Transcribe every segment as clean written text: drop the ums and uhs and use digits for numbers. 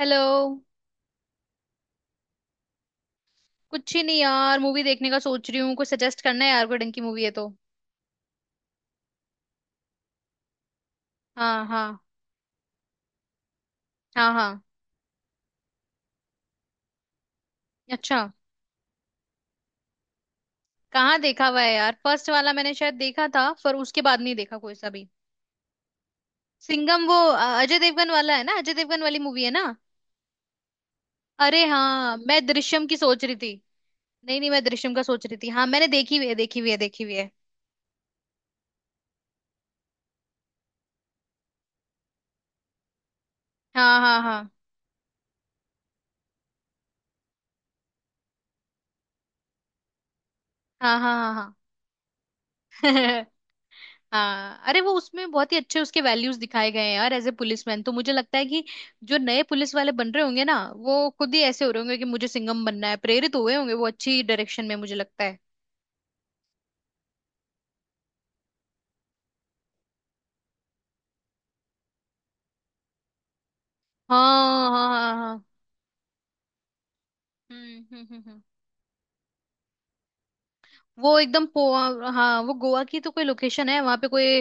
Hello. कुछ ही नहीं यार, मूवी देखने का सोच रही हूँ। कुछ सजेस्ट करना है यार, कोई ढंग की मूवी है तो। हाँ हाँ। हाँ हाँ। अच्छा। कहाँ देखा हुआ है यार, फर्स्ट वाला मैंने शायद देखा था पर उसके बाद नहीं देखा कोई सा भी। सिंघम वो अजय देवगन वाला है ना, अजय देवगन वाली मूवी है ना। अरे हाँ, मैं दृश्यम की सोच रही थी। नहीं नहीं, मैं दृश्यम का सोच रही थी। हाँ मैंने देखी हुई है, देखी हुई है, देखी हुई है। हाँ हाँ। हाँ हाँ हाँ हाँ। हाँ हाँ, अरे वो उसमें बहुत ही अच्छे उसके वैल्यूज दिखाए गए हैं यार एज ए पुलिसमैन। तो मुझे लगता है कि जो नए पुलिस वाले बन रहे होंगे ना, वो खुद ही ऐसे हो रहे होंगे कि मुझे सिंघम बनना है, प्रेरित हुए होंगे वो अच्छी डायरेक्शन में मुझे लगता है। हाँ हाँ हाँ हाँ। हम्म हम्म हम्म हम्म। वो एकदम हाँ वो गोवा की तो कोई लोकेशन है वहां पे कोई।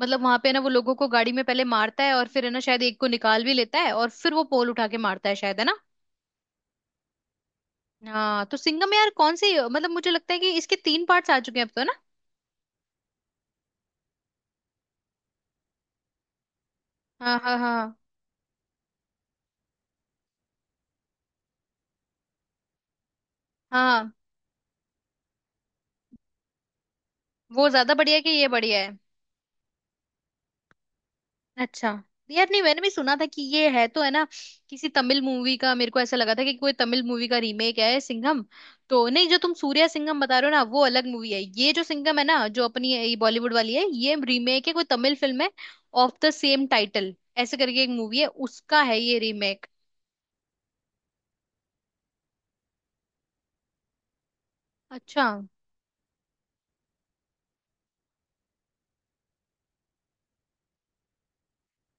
मतलब वहां पे ना वो लोगों को गाड़ी में पहले मारता है, और फिर है ना शायद एक को निकाल भी लेता है, और फिर वो पोल उठा के मारता है शायद, है ना। हाँ तो सिंघम यार कौन सी, मतलब मुझे लगता है कि इसके तीन पार्ट्स आ चुके हैं अब तो, है ना। हाँ हाँ हाँ हाँ। वो ज्यादा बढ़िया है कि ये बढ़िया है? अच्छा। यार नहीं मैंने भी सुना था कि ये है तो है ना। किसी तमिल मूवी का, मेरे को ऐसा लगा था कि कोई तमिल मूवी का रीमेक है सिंघम। तो नहीं जो तुम सूर्या सिंघम बता रहे हो ना वो अलग मूवी है, ये जो सिंघम है ना जो अपनी ये बॉलीवुड वाली है, ये रीमेक है कोई तमिल फिल्म है ऑफ द सेम टाइटल ऐसे करके एक मूवी है, उसका है ये रीमेक। अच्छा।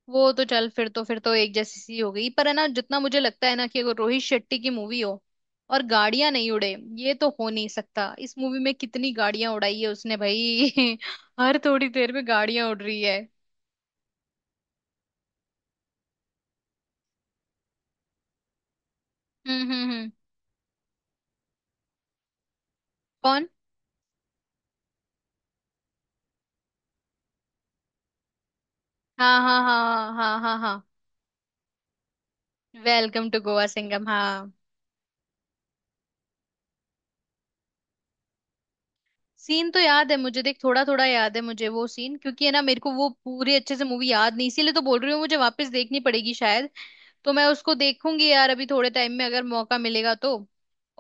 वो तो चल फिर तो एक जैसी सी हो गई। पर है ना, जितना मुझे लगता है ना कि अगर रोहित शेट्टी की मूवी हो और गाड़ियां नहीं उड़े, ये तो हो नहीं सकता। इस मूवी में कितनी गाड़ियां उड़ाई है उसने भाई हर थोड़ी देर में गाड़ियां उड़ रही है। हम्म। कौन? हाँ हाँ हाँ हाँ। हाँ हाँ हाँ। Welcome to Goa Singham. हाँ। सीन तो याद है मुझे, देख थोड़ा थोड़ा याद है मुझे वो सीन, क्योंकि है ना मेरे को वो पूरी अच्छे से मूवी याद नहीं, इसीलिए तो बोल रही हूँ, मुझे वापस देखनी पड़ेगी शायद। तो मैं उसको देखूंगी यार अभी थोड़े टाइम में अगर मौका मिलेगा तो।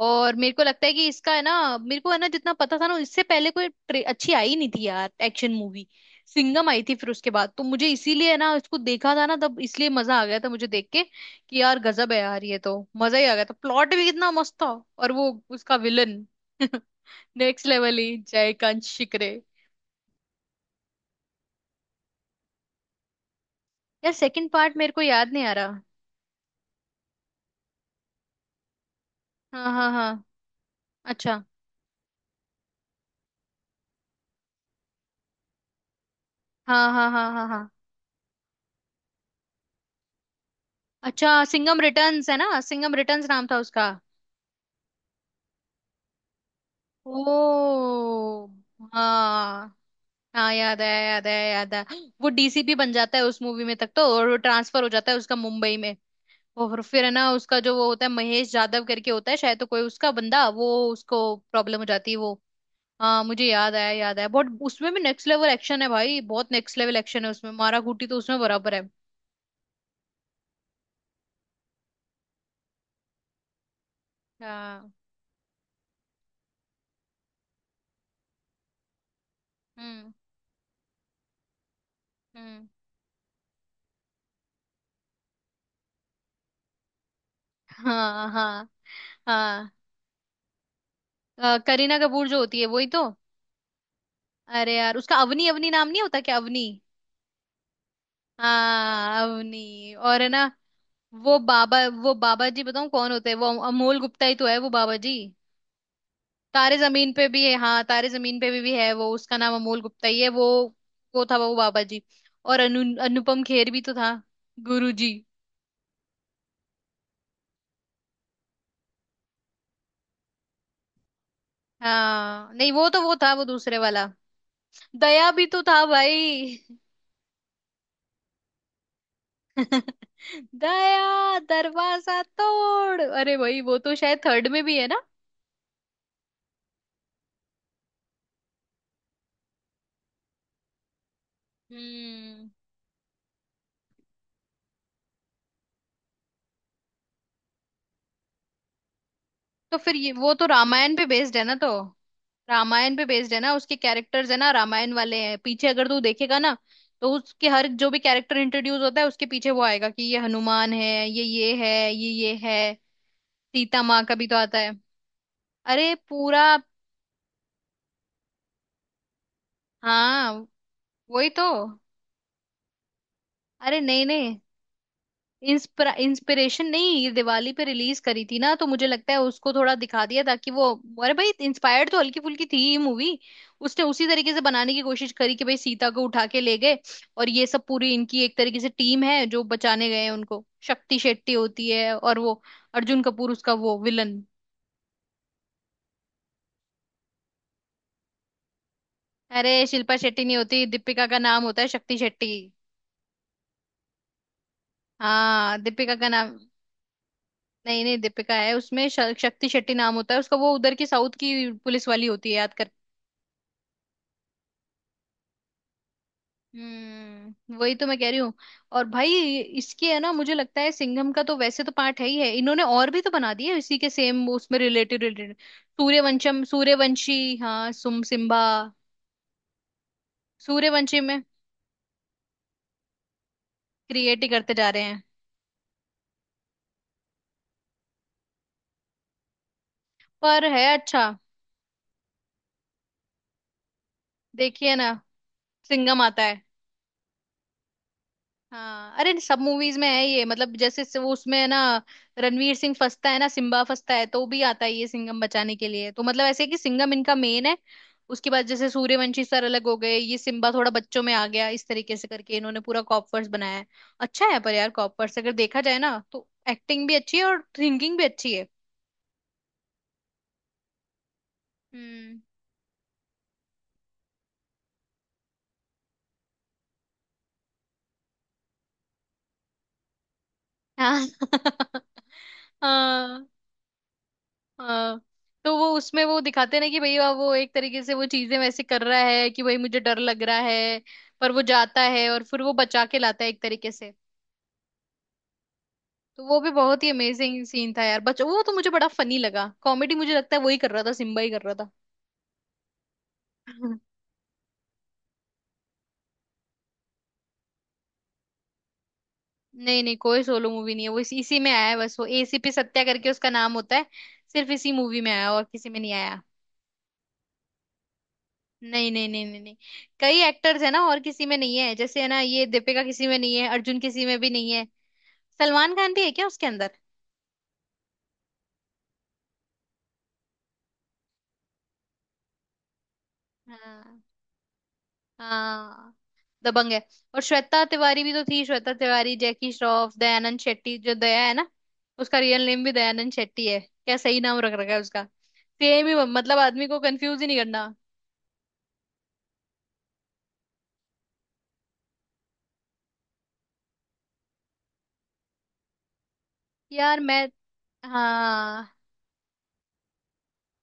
और मेरे को लगता है कि इसका है ना, मेरे को है ना जितना पता था ना, इससे पहले कोई अच्छी आई नहीं थी यार एक्शन मूवी। सिंघम आई थी फिर उसके बाद, तो मुझे इसीलिए है ना इसको देखा था ना तब, इसलिए मजा आ गया था मुझे देख के कि यार गजब है यार ये तो। मजा ही आ गया था, प्लॉट भी कितना मस्त था। और वो उसका विलन नेक्स्ट लेवल ही, जयकांत शिकरे। यार सेकंड पार्ट मेरे को याद नहीं आ रहा। हाँ हाँ हाँ। अच्छा। हाँ हाँ हाँ हाँ हाँ। अच्छा सिंघम रिटर्न्स है ना, सिंघम रिटर्न्स नाम था उसका। ओ। हाँ। हाँ याद है, याद है, याद है। वो डीसीपी बन जाता है उस मूवी में तक तो, और वो ट्रांसफर हो जाता है उसका मुंबई में। और फिर है ना उसका जो वो होता है महेश यादव करके होता है शायद, तो कोई उसका बंदा वो उसको प्रॉब्लम हो जाती है वो। हाँ मुझे याद आया, याद आया। बहुत उसमें भी नेक्स्ट लेवल एक्शन है भाई, बहुत नेक्स्ट लेवल एक्शन है उसमें। मारा घूटी तो उसमें बराबर है। हाँ। हम्म हम्म। हाँ हाँ हाँ। करीना कपूर जो होती है वही तो। अरे यार उसका अवनी, अवनी नाम नहीं होता क्या, अवनी? हाँ, अवनी। और है ना वो बाबा, वो बाबा जी बताऊं कौन होते हैं? वो अमोल गुप्ता ही तो है वो बाबा जी। तारे जमीन पे भी है, हाँ तारे जमीन पे भी है वो, उसका नाम अमोल गुप्ता ही है वो। वो था वो बाबा जी। और अनुपम खेर भी तो था। गुरु जी। हाँ नहीं, वो तो वो था, वो दूसरे वाला। दया भी तो था भाई दया दरवाजा तोड़! अरे भाई वो तो शायद थर्ड में भी है ना। हम्म। तो फिर ये वो तो रामायण पे बेस्ड है ना तो। रामायण पे बेस्ड है ना उसके कैरेक्टर्स, है ना रामायण वाले हैं पीछे अगर तू देखेगा ना। तो उसके हर जो भी कैरेक्टर इंट्रोड्यूस होता है उसके पीछे वो आएगा कि ये हनुमान है, ये है, ये है। सीता माँ का भी तो आता है। अरे पूरा। हाँ वही तो। अरे नहीं नहीं। इंस्पिरा इंस्पिरेशन नहीं, ये दिवाली पे रिलीज करी थी ना, तो मुझे लगता है उसको थोड़ा दिखा दिया ताकि वो। अरे भाई इंस्पायर्ड तो हल्की फुल्की थी ये मूवी। उसने उसी तरीके से बनाने की कोशिश करी कि भाई सीता को उठा के ले गए, और ये सब पूरी इनकी एक तरीके से टीम है जो बचाने गए हैं उनको, शक्ति शेट्टी होती है और वो अर्जुन कपूर उसका वो विलन। अरे शिल्पा शेट्टी नहीं होती, दीपिका का नाम होता है शक्ति शेट्टी। हाँ दीपिका का नाम। नहीं नहीं दीपिका है उसमें, शक्ति शेट्टी नाम होता है उसका, वो उधर की साउथ की पुलिस वाली होती है, याद? वही तो मैं कह रही हूँ। और भाई इसकी है ना, मुझे लगता है सिंघम का तो वैसे तो पार्ट है ही है, इन्होंने और भी तो बना दिए इसी के सेम उसमें रिलेटेड रिलेटेड। सूर्यवंशम सूर्यवंशी, हाँ सुम सिम्बा। सूर्यवंशी में। क्रिएट ही करते जा रहे हैं। पर है अच्छा। देखिए ना। सिंघम आता है। हाँ अरे सब मूवीज में है ये, मतलब जैसे से वो उसमें है ना, रणवीर सिंह फंसता है ना सिम्बा फंसता है तो भी आता है ये सिंघम बचाने के लिए, तो मतलब ऐसे है कि सिंघम इनका मेन है। उसके बाद जैसे सूर्यवंशी सर अलग हो गए, ये सिम्बा थोड़ा बच्चों में आ गया, इस तरीके से करके इन्होंने पूरा कॉपवर्स बनाया है। अच्छा है पर यार कॉपवर्स अगर देखा जाए ना, तो एक्टिंग भी अच्छी है और थिंकिंग भी अच्छी है। हम्म। हाँ हाँ। हाँ तो वो उसमें वो दिखाते ना कि भैया वो एक तरीके से वो चीजें वैसे कर रहा है कि भाई मुझे डर लग रहा है। पर वो जाता है और फिर वो बचा के लाता है एक तरीके से। तो वो भी बहुत ही अमेजिंग सीन था यार, बच वो तो मुझे बड़ा फनी लगा, कॉमेडी मुझे लगता है वही कर रहा था, सिम्बा ही कर रहा था नहीं नहीं कोई सोलो मूवी नहीं है, वो इसी में आया है बस, वो एसीपी सत्या करके उसका नाम होता है। सिर्फ इसी मूवी में आया और किसी में नहीं आया। नहीं नहीं नहीं नहीं नहीं। कई एक्टर्स है ना और किसी में नहीं है, जैसे है ना ये दीपिका किसी में नहीं है, अर्जुन किसी में भी नहीं है। सलमान खान भी है क्या उसके अंदर? हाँ। हाँ दबंग है। और श्वेता तिवारी भी तो थी, श्वेता तिवारी, जैकी श्रॉफ, दयानंद शेट्टी जो दया है ना, उसका रियल नेम भी दयानंद शेट्टी है क्या? सही नाम रख रखा है उसका। सेम ही, मतलब आदमी को कंफ्यूज ही नहीं करना। यार मैं। हाँ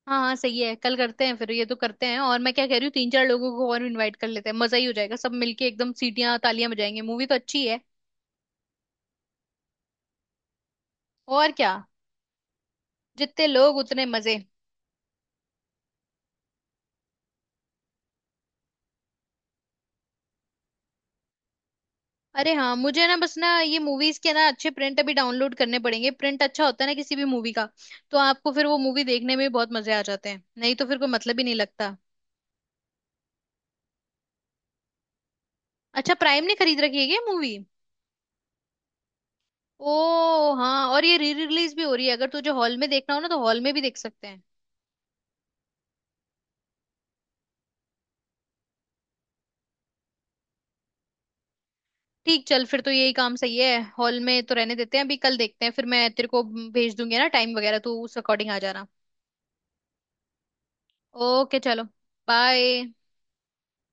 हाँ हाँ सही है। कल करते हैं फिर ये तो करते हैं। और मैं क्या कह रही हूँ, तीन चार लोगों को और इनवाइट कर लेते हैं, मजा ही हो जाएगा। सब मिलके एकदम सीटियां तालियां बजाएंगे, मूवी तो अच्छी है। और क्या। जितने लोग उतने मजे। अरे हाँ मुझे ना, बस ना ये मूवीज के ना अच्छे प्रिंट अभी डाउनलोड करने पड़ेंगे, प्रिंट अच्छा होता है ना किसी भी मूवी का, तो आपको फिर वो मूवी देखने में भी बहुत मजे आ जाते हैं, नहीं तो फिर कोई मतलब ही नहीं लगता। अच्छा प्राइम ने खरीद रखी है क्या मूवी? ओ हाँ, और ये री रिलीज भी हो रही है, अगर तुझे हॉल में देखना हो ना तो हॉल में भी देख सकते हैं। ठीक, चल फिर तो यही काम सही है, हॉल में तो रहने देते हैं अभी, कल देखते हैं फिर। मैं तेरे को भेज दूंगी ना टाइम वगैरह, तू उस अकॉर्डिंग आ जाना। ओके चलो। बाय।